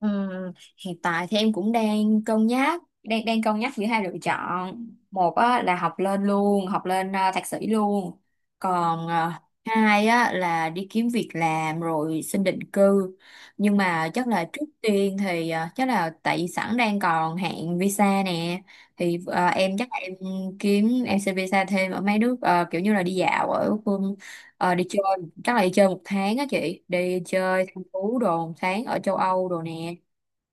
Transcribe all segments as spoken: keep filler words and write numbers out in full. Ừm, hiện tại thì em cũng đang cân nhắc đang đang cân nhắc giữa hai lựa chọn, một á, là học lên luôn học lên à, thạc sĩ luôn, còn à, hai á, là đi kiếm việc làm rồi xin định cư. Nhưng mà chắc là trước tiên thì à, chắc là tại vì sẵn đang còn hạn visa nè, thì à, em chắc là em kiếm em xin visa thêm ở mấy nước, à, kiểu như là đi dạo ở phương à, đi chơi. Chắc là đi chơi một tháng á chị, đi chơi thăm thú đồ một tháng ở châu Âu đồ nè,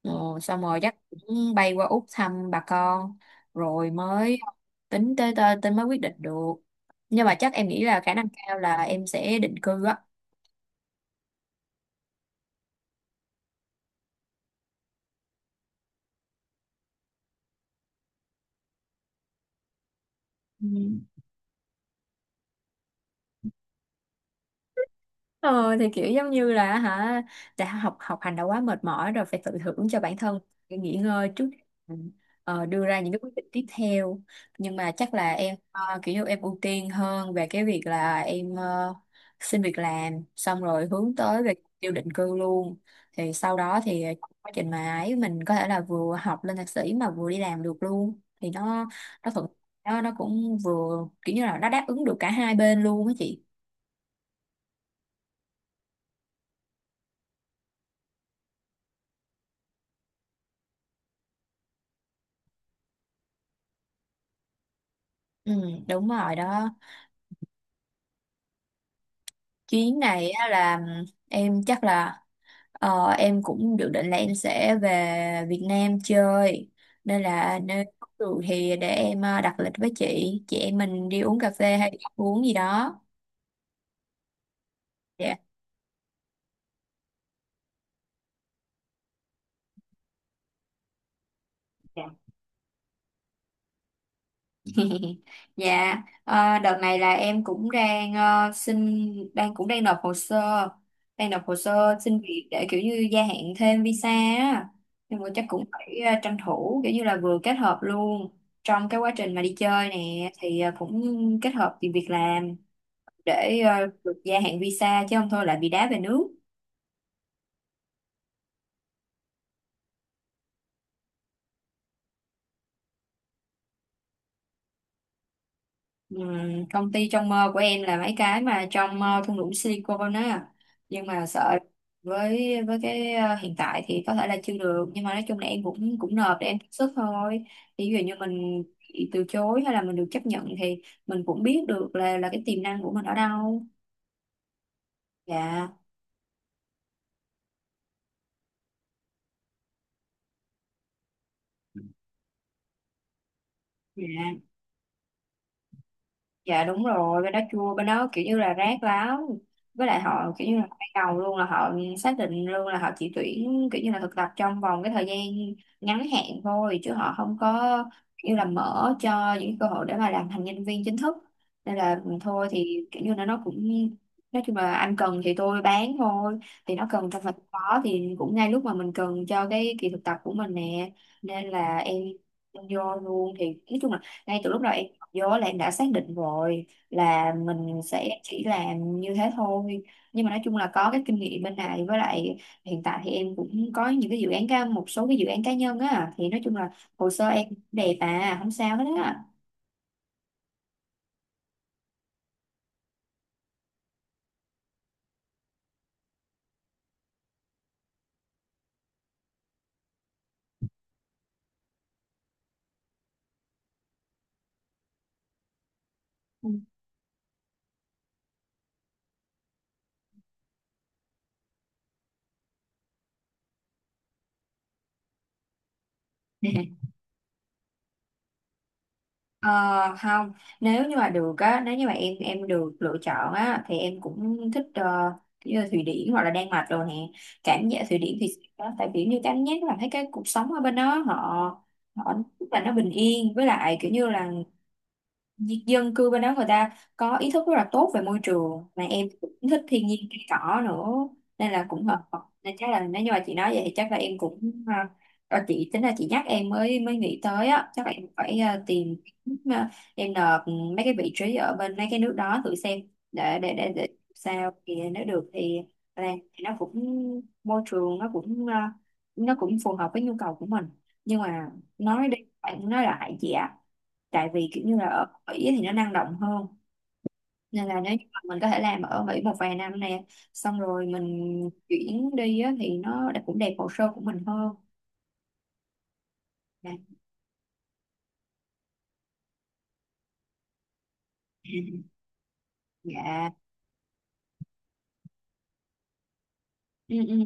ờ, xong rồi chắc cũng bay qua Úc thăm bà con, rồi mới tính tới tới, tới mới quyết định được. Nhưng mà chắc em nghĩ là khả năng cao là em sẽ định cư á. Ừ. Ờ thì kiểu giống như là hả, đã học học hành đã quá mệt mỏi rồi phải tự thưởng cho bản thân nghỉ ngơi trước để ờ, đưa ra những cái quyết định tiếp theo. Nhưng mà chắc là em ờ, kiểu như em ưu tiên hơn về cái việc là em ờ, xin việc làm xong rồi hướng tới về tiêu định cư luôn, thì sau đó thì trong quá trình mà ấy mình có thể là vừa học lên thạc sĩ mà vừa đi làm được luôn thì nó nó thuận, nó nó cũng vừa kiểu như là nó đáp ứng được cả hai bên luôn á chị. Ừ, đúng rồi đó. Chuyến này á là em chắc là ờ, em cũng dự định là em sẽ về Việt Nam chơi, nên là nếu có được thì để em ờ, đặt lịch với chị chị em mình đi uống cà phê hay đi ăn uống gì đó. Dạ. Dạ, ờ, đợt này là em cũng đang ờ, xin đang cũng đang nộp hồ sơ, đang nộp hồ sơ xin việc để kiểu như gia hạn thêm visa á. Nhưng mà chắc cũng phải ờ, tranh thủ kiểu như là vừa kết hợp luôn trong cái quá trình mà đi chơi nè thì ờ, cũng kết hợp tìm việc làm để ờ, được gia hạn visa chứ không thôi lại bị đá về nước. Ừm, công ty trong mơ của em là mấy cái mà trong ờ, thung lũng Silicon á, nhưng mà sợ với với cái ờ, hiện tại thì có thể là chưa được, nhưng mà nói chung là em cũng cũng nộp để em thử sức thôi. Thì ví dụ như mình bị từ chối hay là mình được chấp nhận thì mình cũng biết được là là cái tiềm năng của mình ở đâu. Dạ. Dạ. Dạ, đúng rồi. Bên đó chua, bên đó kiểu như là rác lắm, với lại họ kiểu như là ban đầu luôn là họ xác định luôn là họ chỉ tuyển kiểu như là thực tập trong vòng cái thời gian ngắn hạn thôi chứ họ không có kiểu như là mở cho những cơ hội để mà làm thành nhân viên chính thức. Nên là ừ, thôi thì kiểu như là nó cũng nói chung là anh cần thì tôi bán thôi, thì nó cần trong phải có thì cũng ngay lúc mà mình cần cho cái kỳ thực tập của mình nè, nên là em em vô luôn thì nói chung là ngay từ lúc đầu vô là em đã xác định rồi là mình sẽ chỉ làm như thế thôi. Nhưng mà nói chung là có cái kinh nghiệm bên này, với lại hiện tại thì em cũng có những cái dự án cá một số cái dự án cá nhân á, thì nói chung là hồ sơ em đẹp à không sao hết á. Ừ. Ờ, không, nếu như mà được á, nếu như mà em em được lựa chọn á thì em cũng thích ờ, như là Thụy Điển hoặc là Đan Mạch rồi nè. Cảm giác Thụy Điển thì đó, tại kiểu như cảm giác là thấy cái cuộc sống ở bên đó họ họ rất là nó bình yên, với lại kiểu như là dân cư bên đó người ta có ý thức rất là tốt về môi trường mà em cũng thích thiên nhiên cây cỏ nữa, nên là cũng hợp hợp. Nên chắc là nếu như mà chị nói vậy thì chắc là em cũng à, ờ, chị tính là chị nhắc em mới mới nghĩ tới á, chắc là em phải à, tìm, à, em nộp mấy cái vị trí ở bên mấy cái nước đó thử xem, để để để, để sao thì nếu được thì là thì nó cũng môi trường nó cũng à, nó cũng phù hợp với nhu cầu của mình. Nhưng mà nói đi phải nói lại chị ạ, tại vì kiểu như là ở Ý thì nó năng động hơn, nên là nếu như mà mình có thể làm ở Mỹ một vài năm nè xong rồi mình chuyển đi á, thì nó đã- cũng đẹp hồ sơ của mình hơn. Dạ. Dạ. Ừ, ừ.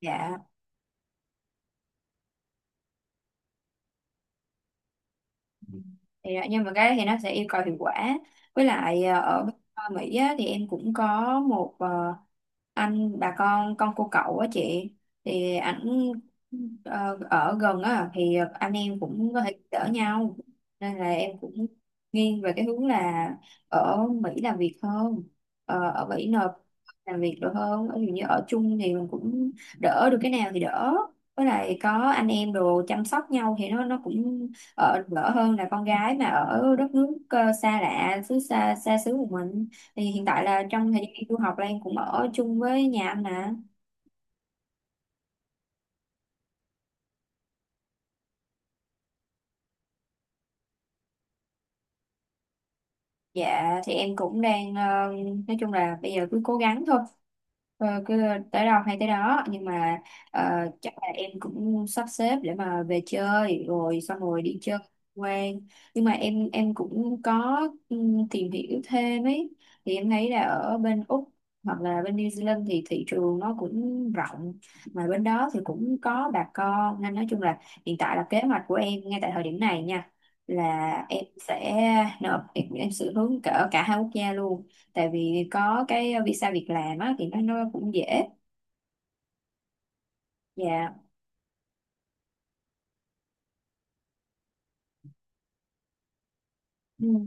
Dạ thì à, nhưng mà cái đó thì nó sẽ yêu cầu hiệu quả, với lại à, ở bên à, Mỹ á, thì em cũng có một à, anh bà con con cô cậu á chị, thì ảnh ờ, ở gần á thì anh em cũng có thể đỡ nhau, nên là em cũng nghiêng về cái hướng là ở Mỹ làm việc hơn. Ờ, ở Mỹ nộp làm việc được hơn, ví dụ như ở chung thì mình cũng đỡ được cái nào thì đỡ, với lại có anh em đồ chăm sóc nhau thì nó nó cũng ờ, đỡ hơn là con gái mà ở đất nước ờ, xa lạ xứ xa xa xứ của mình, thì hiện tại là trong thời gian đi du học là em cũng ở chung với nhà anh nè. Dạ thì em cũng đang ờ, nói chung là bây giờ cứ cố gắng thôi. Ờ, cứ tới đâu hay tới đó, nhưng mà ờ, chắc là em cũng sắp xếp để mà về chơi rồi xong rồi đi chơi quen. Nhưng mà em em cũng có ừm, tìm hiểu thêm ấy thì em thấy là ở bên Úc hoặc là bên New Zealand thì thị trường nó cũng rộng, mà bên đó thì cũng có bà con, nên nói chung là hiện tại là kế hoạch của em ngay tại thời điểm này nha là em sẽ nộp em, em sẽ hướng cỡ cả hai quốc gia luôn, tại vì có cái visa việc làm á thì nó nó cũng dễ. Dạ. Ừ.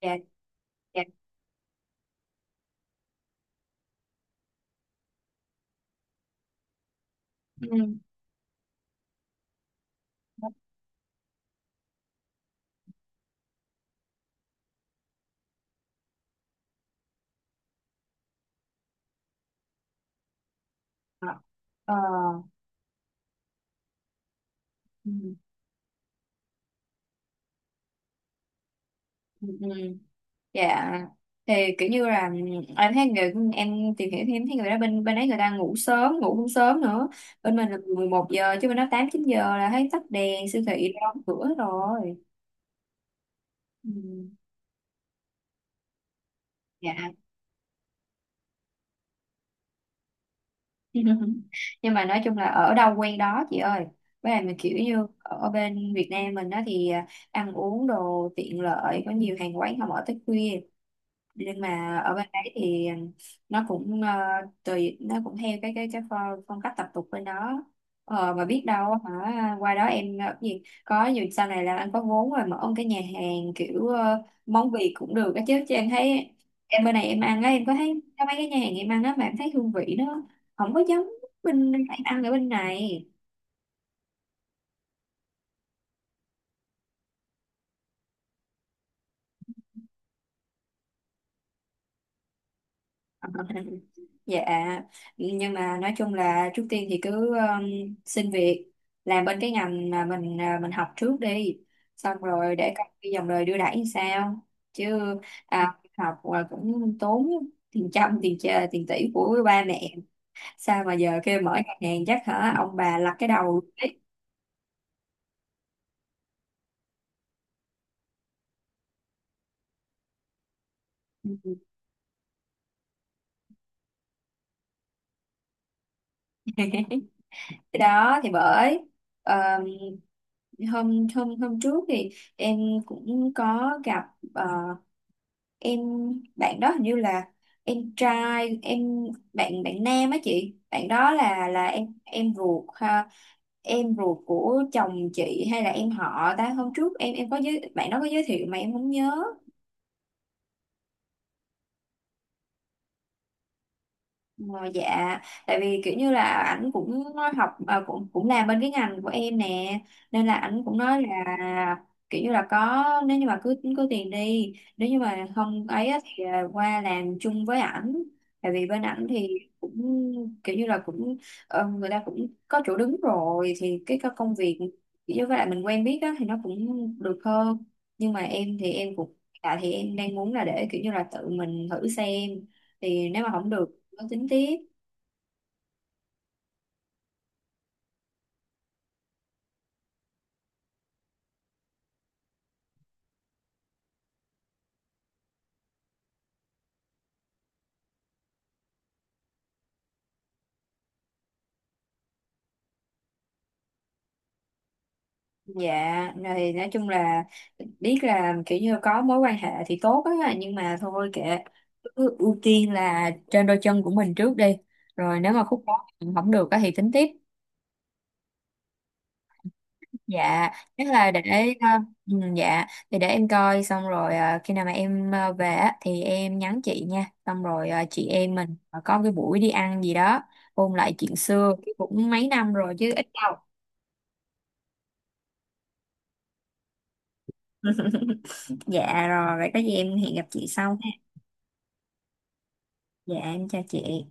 Dạ. Dạ. Ừ. Ờ, ờ, ừ, ừ, ừ. Dạ thì kiểu như là ừ, em thấy người em tìm hiểu thì em thấy người đó bên bên ấy người ta ngủ sớm, ngủ cũng sớm nữa, bên mình là mười một giờ chứ bên đó tám chín giờ là thấy tắt đèn siêu thị đóng cửa hết rồi. Ừ. Dạ. Nhưng mà nói chung là ở đâu quen đó chị ơi, với lại mình kiểu như ở bên Việt Nam mình đó thì à, ăn uống đồ tiện lợi có nhiều hàng quán không, ở tới khuya, nhưng mà ở bên đấy thì nó cũng ờ, tùy nó cũng theo cái cái cái phong, phong cách tập tục bên đó. ờ, mà biết đâu hả, qua đó em ờ, cái gì có dù sau này là anh có vốn rồi mở ông cái nhà hàng kiểu ờ, món Việt cũng được á, chứ chứ em thấy em bên này em ăn á, em có thấy có mấy cái nhà hàng em ăn á mà em thấy hương vị nó không có giống bên em ăn ở bên này. Dạ, nhưng mà nói chung là trước tiên thì cứ um, xin việc làm bên cái ngành mà mình à, mình học trước đi, xong rồi để coi cái dòng đời đưa đẩy như sao. Chứ à, học là cũng tốn tiền trăm tiền chè, tiền tỷ của ba mẹ. Sao mà giờ kêu mở ngân hàng chắc hả ông bà lắc cái đầu đấy. Cái đó thì bởi um, hôm hôm hôm trước thì em cũng có gặp ờ, em bạn đó hình như là em trai em, bạn bạn nam á chị, bạn đó là là em em ruột ha, em ruột của chồng chị hay là em họ ta. Hôm trước em em có giới bạn đó có giới thiệu mà em không nhớ. Ờ, dạ, tại vì kiểu như là ảnh cũng học à, cũng cũng làm bên cái ngành của em nè, nên là ảnh cũng nói là kiểu như là có, nếu như mà cứ cứ tiền đi, nếu như mà không ấy á thì à, qua làm chung với ảnh, tại vì bên ảnh thì cũng kiểu như là cũng ờ, người ta cũng có chỗ đứng rồi thì cái co- công việc kiểu như với lại mình quen biết á thì nó cũng được hơn. Nhưng mà em thì em cũng, tại thì em đang muốn là để kiểu như là tự mình thử xem, thì nếu mà không được có tính tiếp. Dạ này nói chung là biết là kiểu như có mối quan hệ thì tốt á nhưng mà thôi kệ, cứ ưu tiên là trên đôi chân của mình trước đi, rồi nếu mà khúc đó không được á thì tính tiếp. Dạ chắc là để ờ, ừ, dạ thì để em coi xong rồi ờ, khi nào mà em ờ, về á thì em nhắn chị nha, xong rồi ờ, chị em mình ờ, có cái buổi đi ăn gì đó, ôn lại chuyện xưa cũng mấy năm rồi chứ ít đâu. Dạ rồi vậy có gì em hẹn gặp chị sau. Dạ em chào chị.